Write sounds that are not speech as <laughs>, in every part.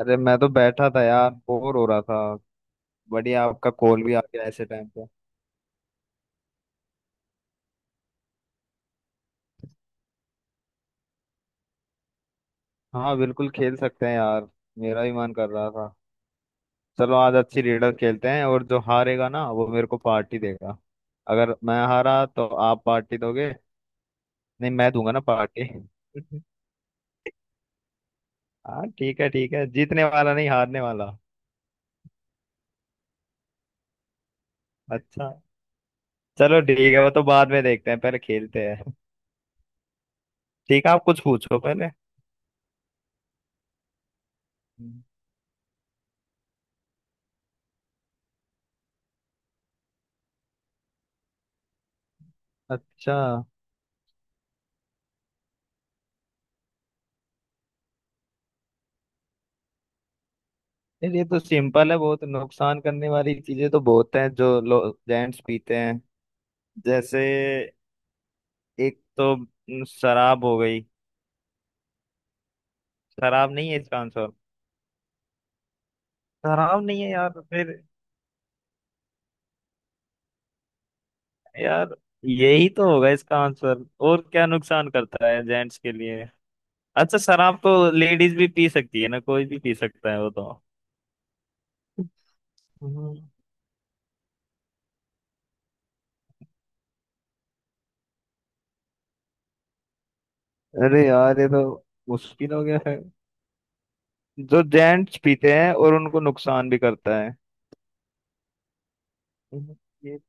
अरे मैं तो बैठा था यार, बोर हो रहा था। बढ़िया आपका कॉल भी आ गया ऐसे टाइम पे। हाँ बिल्कुल खेल सकते हैं यार। मेरा भी मन कर रहा था। चलो आज अच्छी रीडर खेलते हैं और जो हारेगा ना वो मेरे को पार्टी देगा। अगर मैं हारा तो आप पार्टी दोगे? नहीं मैं दूंगा ना पार्टी <laughs> हाँ ठीक है ठीक है, जीतने वाला नहीं हारने वाला। अच्छा। चलो ठीक है, वो तो बाद में देखते हैं, पहले खेलते हैं। ठीक है आप कुछ पूछो पहले। हम्म। अच्छा। नहीं, ये तो सिंपल है। बहुत नुकसान करने वाली चीजें तो बहुत हैं जो लोग जेंट्स पीते हैं। जैसे एक तो न, शराब हो गई। शराब नहीं है इसका आंसर? शराब नहीं है यार फिर? यार यही तो होगा इसका आंसर, और क्या नुकसान करता है जेंट्स के लिए। अच्छा शराब तो लेडीज भी पी सकती है ना, कोई भी पी सकता है वो तो। हम्म। अरे यार ये तो मुश्किल हो गया है। जो जेंट्स पीते हैं और उनको नुकसान भी करता है। हम्म, ये-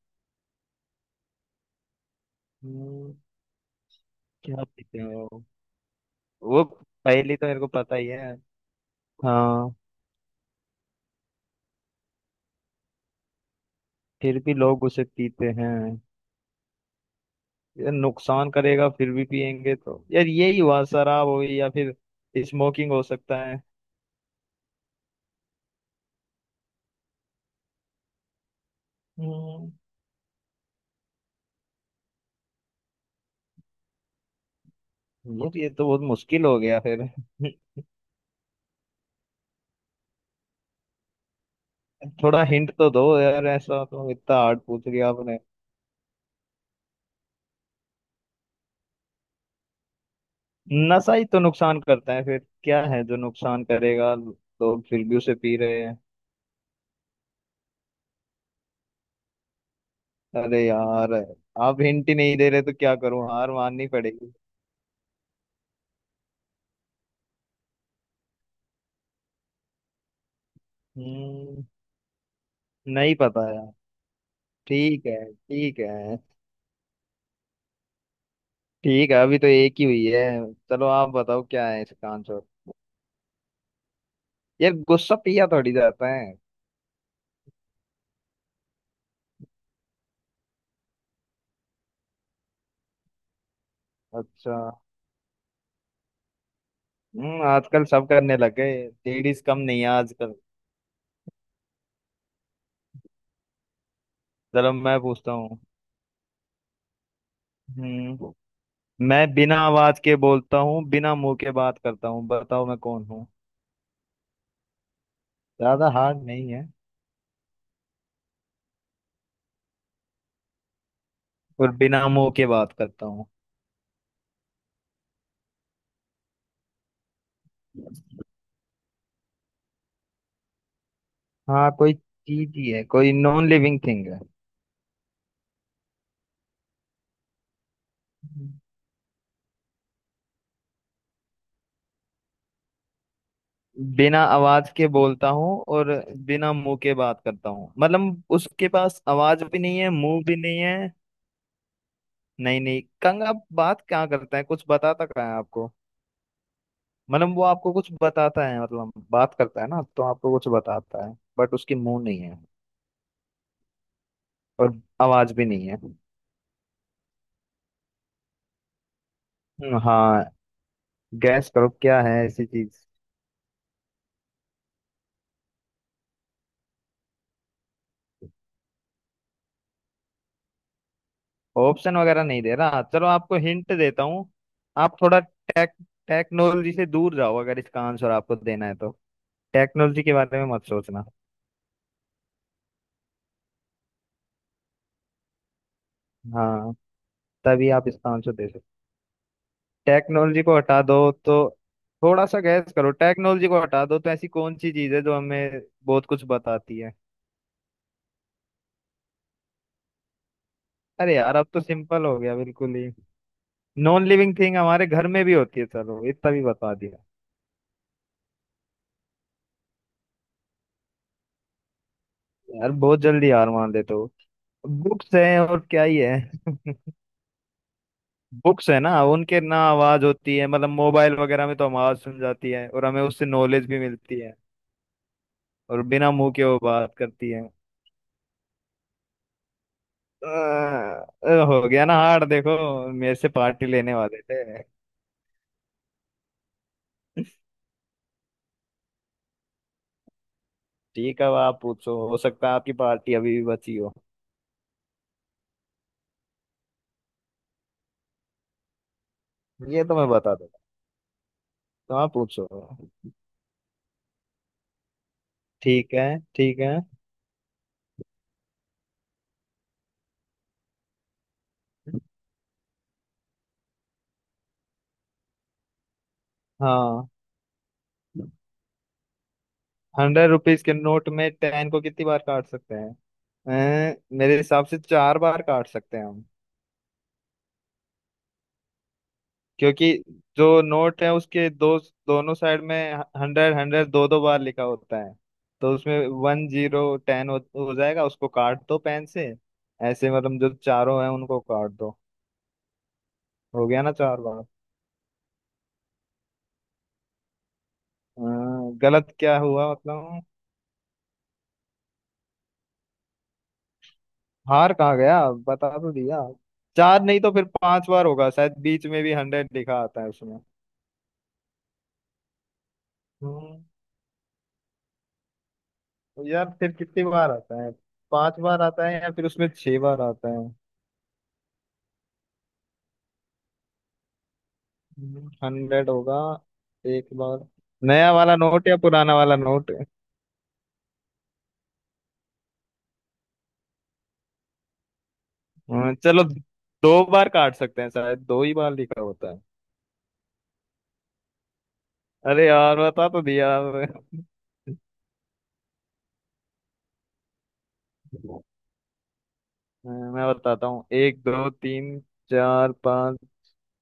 हम्म। क्या पीते हो? वो पहली तो मेरे को पता ही है। हाँ फिर भी लोग उसे पीते हैं। ये नुकसान करेगा फिर भी पियेंगे तो यार, यही हुआ शराब हुई या फिर स्मोकिंग हो सकता है। हम्म, यार ये तो बहुत मुश्किल हो गया फिर <laughs> थोड़ा हिंट तो दो यार, ऐसा तो इतना हार्ड पूछ लिया आपने। नशा ही तो नुकसान करता है, फिर क्या है जो नुकसान करेगा लोग फिर भी उसे पी रहे हैं। अरे यार आप हिंट ही नहीं दे रहे तो क्या करूं, हार माननी पड़ेगी। हम्म, नहीं पता यार। ठीक है ठीक है। ठीक है अभी तो एक ही हुई है। चलो आप बताओ क्या है इसका आंसर। यार गुस्सा पिया थोड़ी जाता है। अच्छा। हम्म, आजकल सब करने लग गए। लेडीज कम नहीं है आजकल। चलो मैं पूछता हूँ। हम्म। मैं बिना आवाज के बोलता हूँ, बिना मुंह के बात करता हूँ, बताओ मैं कौन हूँ? ज्यादा हार्ड नहीं है। और बिना मुंह के बात करता हूँ। हाँ कोई चीज ही है, कोई नॉन लिविंग थिंग है। बिना आवाज के बोलता हूँ और बिना मुंह के बात करता हूँ, मतलब उसके पास आवाज भी नहीं है मुंह भी नहीं है। नहीं नहीं, कंग आप बात क्या करता है, कुछ बताता क्या है आपको? मतलब वो आपको कुछ बताता है, मतलब बात करता है ना, तो आपको कुछ बताता है बट उसकी मुंह नहीं है और आवाज भी नहीं है। हाँ। गैस करो क्या है ऐसी चीज। ऑप्शन वगैरह नहीं दे रहा, चलो आपको हिंट देता हूँ। आप थोड़ा टेक्नोलॉजी से दूर जाओ अगर इसका आंसर आपको देना है तो। टेक्नोलॉजी के बारे में मत सोचना। हाँ तभी आप इसका आंसर दे सकते। टेक्नोलॉजी को हटा दो, तो थोड़ा सा गैस करो, टेक्नोलॉजी को हटा दो तो ऐसी कौन सी चीज है जो हमें बहुत कुछ बताती है। अरे यार अब तो सिंपल हो गया बिल्कुल ही। नॉन लिविंग थिंग हमारे घर में भी होती है, चलो इतना भी बता दिया। यार बहुत जल्दी हार मान लेते हो। बुक्स हैं और क्या ही है <laughs> बुक्स है ना, उनके ना आवाज होती है, मतलब मोबाइल वगैरह में तो हम आवाज सुन जाती है और हमें उससे नॉलेज भी मिलती है, और बिना मुंह के वो बात करती है। हो गया ना हार देखो, मेरे से पार्टी लेने वाले थे। ठीक है अब आप पूछो, हो सकता है आपकी पार्टी अभी भी बची हो। ये तो मैं बता दूंगा, तो आप पूछो। ठीक है ठीक है। हाँ 100 रुपीज के नोट में 10 को कितनी बार काट सकते हैं? मेरे हिसाब से चार बार काट सकते हैं। क्योंकि जो नोट है उसके दो, दोनों साइड में हंड्रेड हंड्रेड दो दो बार लिखा होता है, तो उसमें वन जीरो टेन हो जाएगा, उसको काट दो पेन से। ऐसे मतलब जो चारों हैं उनको काट दो, हो गया ना चार बार। हाँ, गलत क्या हुआ मतलब? हार कहाँ गया, बता तो दिया। चार नहीं तो फिर पांच बार होगा शायद, बीच में भी 100 लिखा आता है उसमें। हम्म। तो यार फिर कितनी बार आता है, पांच बार आता है या फिर उसमें छह बार आता है? हंड्रेड होगा एक बार। नया वाला नोट या पुराना वाला नोट? हाँ, चलो दो बार काट सकते हैं शायद, दो ही बार लिखा होता है। अरे यार बता तो दिया आपने। हाँ, मैं बताता हूँ एक दो तीन चार पाँच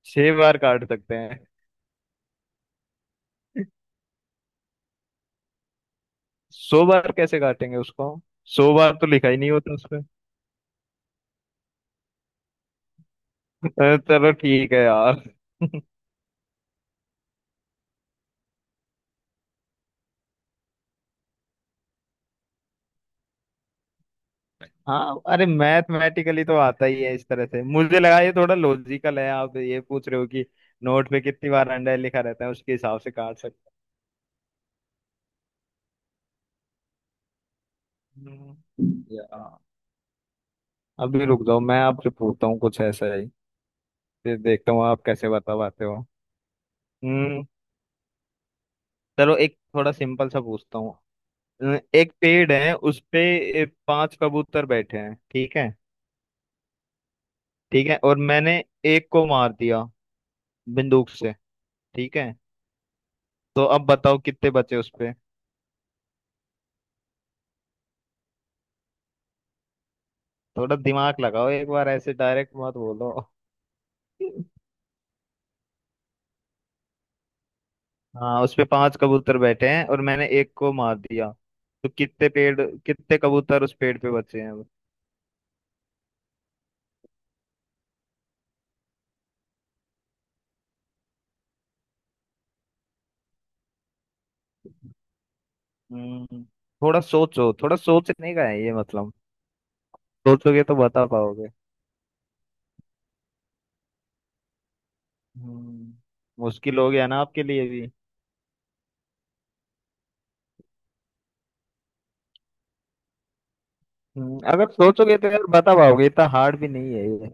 छह बार काट सकते हैं। 100 बार कैसे काटेंगे उसको, 100 बार तो लिखा ही नहीं होता उसमें। अरे चलो ठीक है यार। हाँ अरे मैथमेटिकली तो आता ही है इस तरह से, मुझे लगा ये थोड़ा लॉजिकल है, आप ये पूछ रहे हो कि नोट पे कितनी बार अंडा लिखा रहता है उसके हिसाब से काट सकते हैं। हम्म। या अभी रुक जाओ, मैं आपसे पूछता हूँ कुछ ऐसा ही, फिर देखता हूँ आप कैसे बता पाते हो। हम्म। चलो एक थोड़ा सिंपल सा पूछता हूँ। एक पेड़ है, उस पे पांच कबूतर बैठे हैं, ठीक है? ठीक है और मैंने एक को मार दिया बंदूक से, ठीक है? तो अब बताओ कितने बचे उस पे। थोड़ा दिमाग लगाओ एक बार, ऐसे डायरेक्ट मत बोलो <laughs> हाँ उस पे पांच कबूतर बैठे हैं और मैंने एक को मार दिया, तो कितने पेड़, कितने कबूतर उस पेड़ पे बचे हैं अब? हम्म। थोड़ा सोचो, थोड़ा सोचने का है ये, मतलब सोचोगे तो बता पाओगे। हम्म। मुश्किल हो गया ना आपके लिए भी। अगर सोचोगे तो यार बता पाओगे, इतना हार्ड भी नहीं है ये।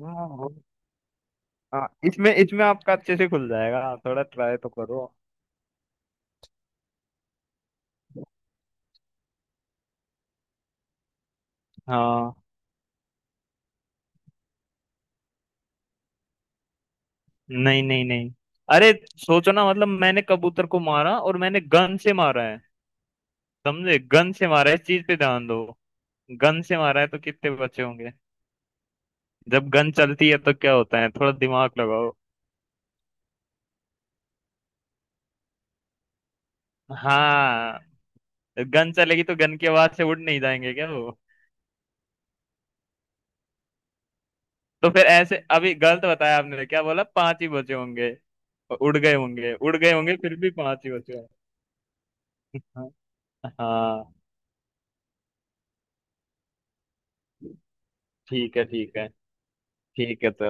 हाँ। हाँ, इसमें इसमें आपका अच्छे से खुल जाएगा, थोड़ा ट्राई तो करो। हाँ नहीं नहीं नहीं, अरे सोचो ना, मतलब मैंने कबूतर को मारा और मैंने गन से मारा है, समझे गन से मारा है, इस चीज पे ध्यान दो। गन से मारा है तो कितने बचे होंगे? जब गन चलती है तो क्या होता है, थोड़ा दिमाग लगाओ। हाँ गन चलेगी तो गन की आवाज से उड़ नहीं जाएंगे क्या वो? तो फिर ऐसे अभी गलत बताया आपने, क्या बोला पांच ही बचे होंगे? उड़ गए होंगे उड़ गए होंगे फिर भी पांच ही बचे होंगे। हाँ। हाँ, ठीक है ठीक है। ठीक है चलो।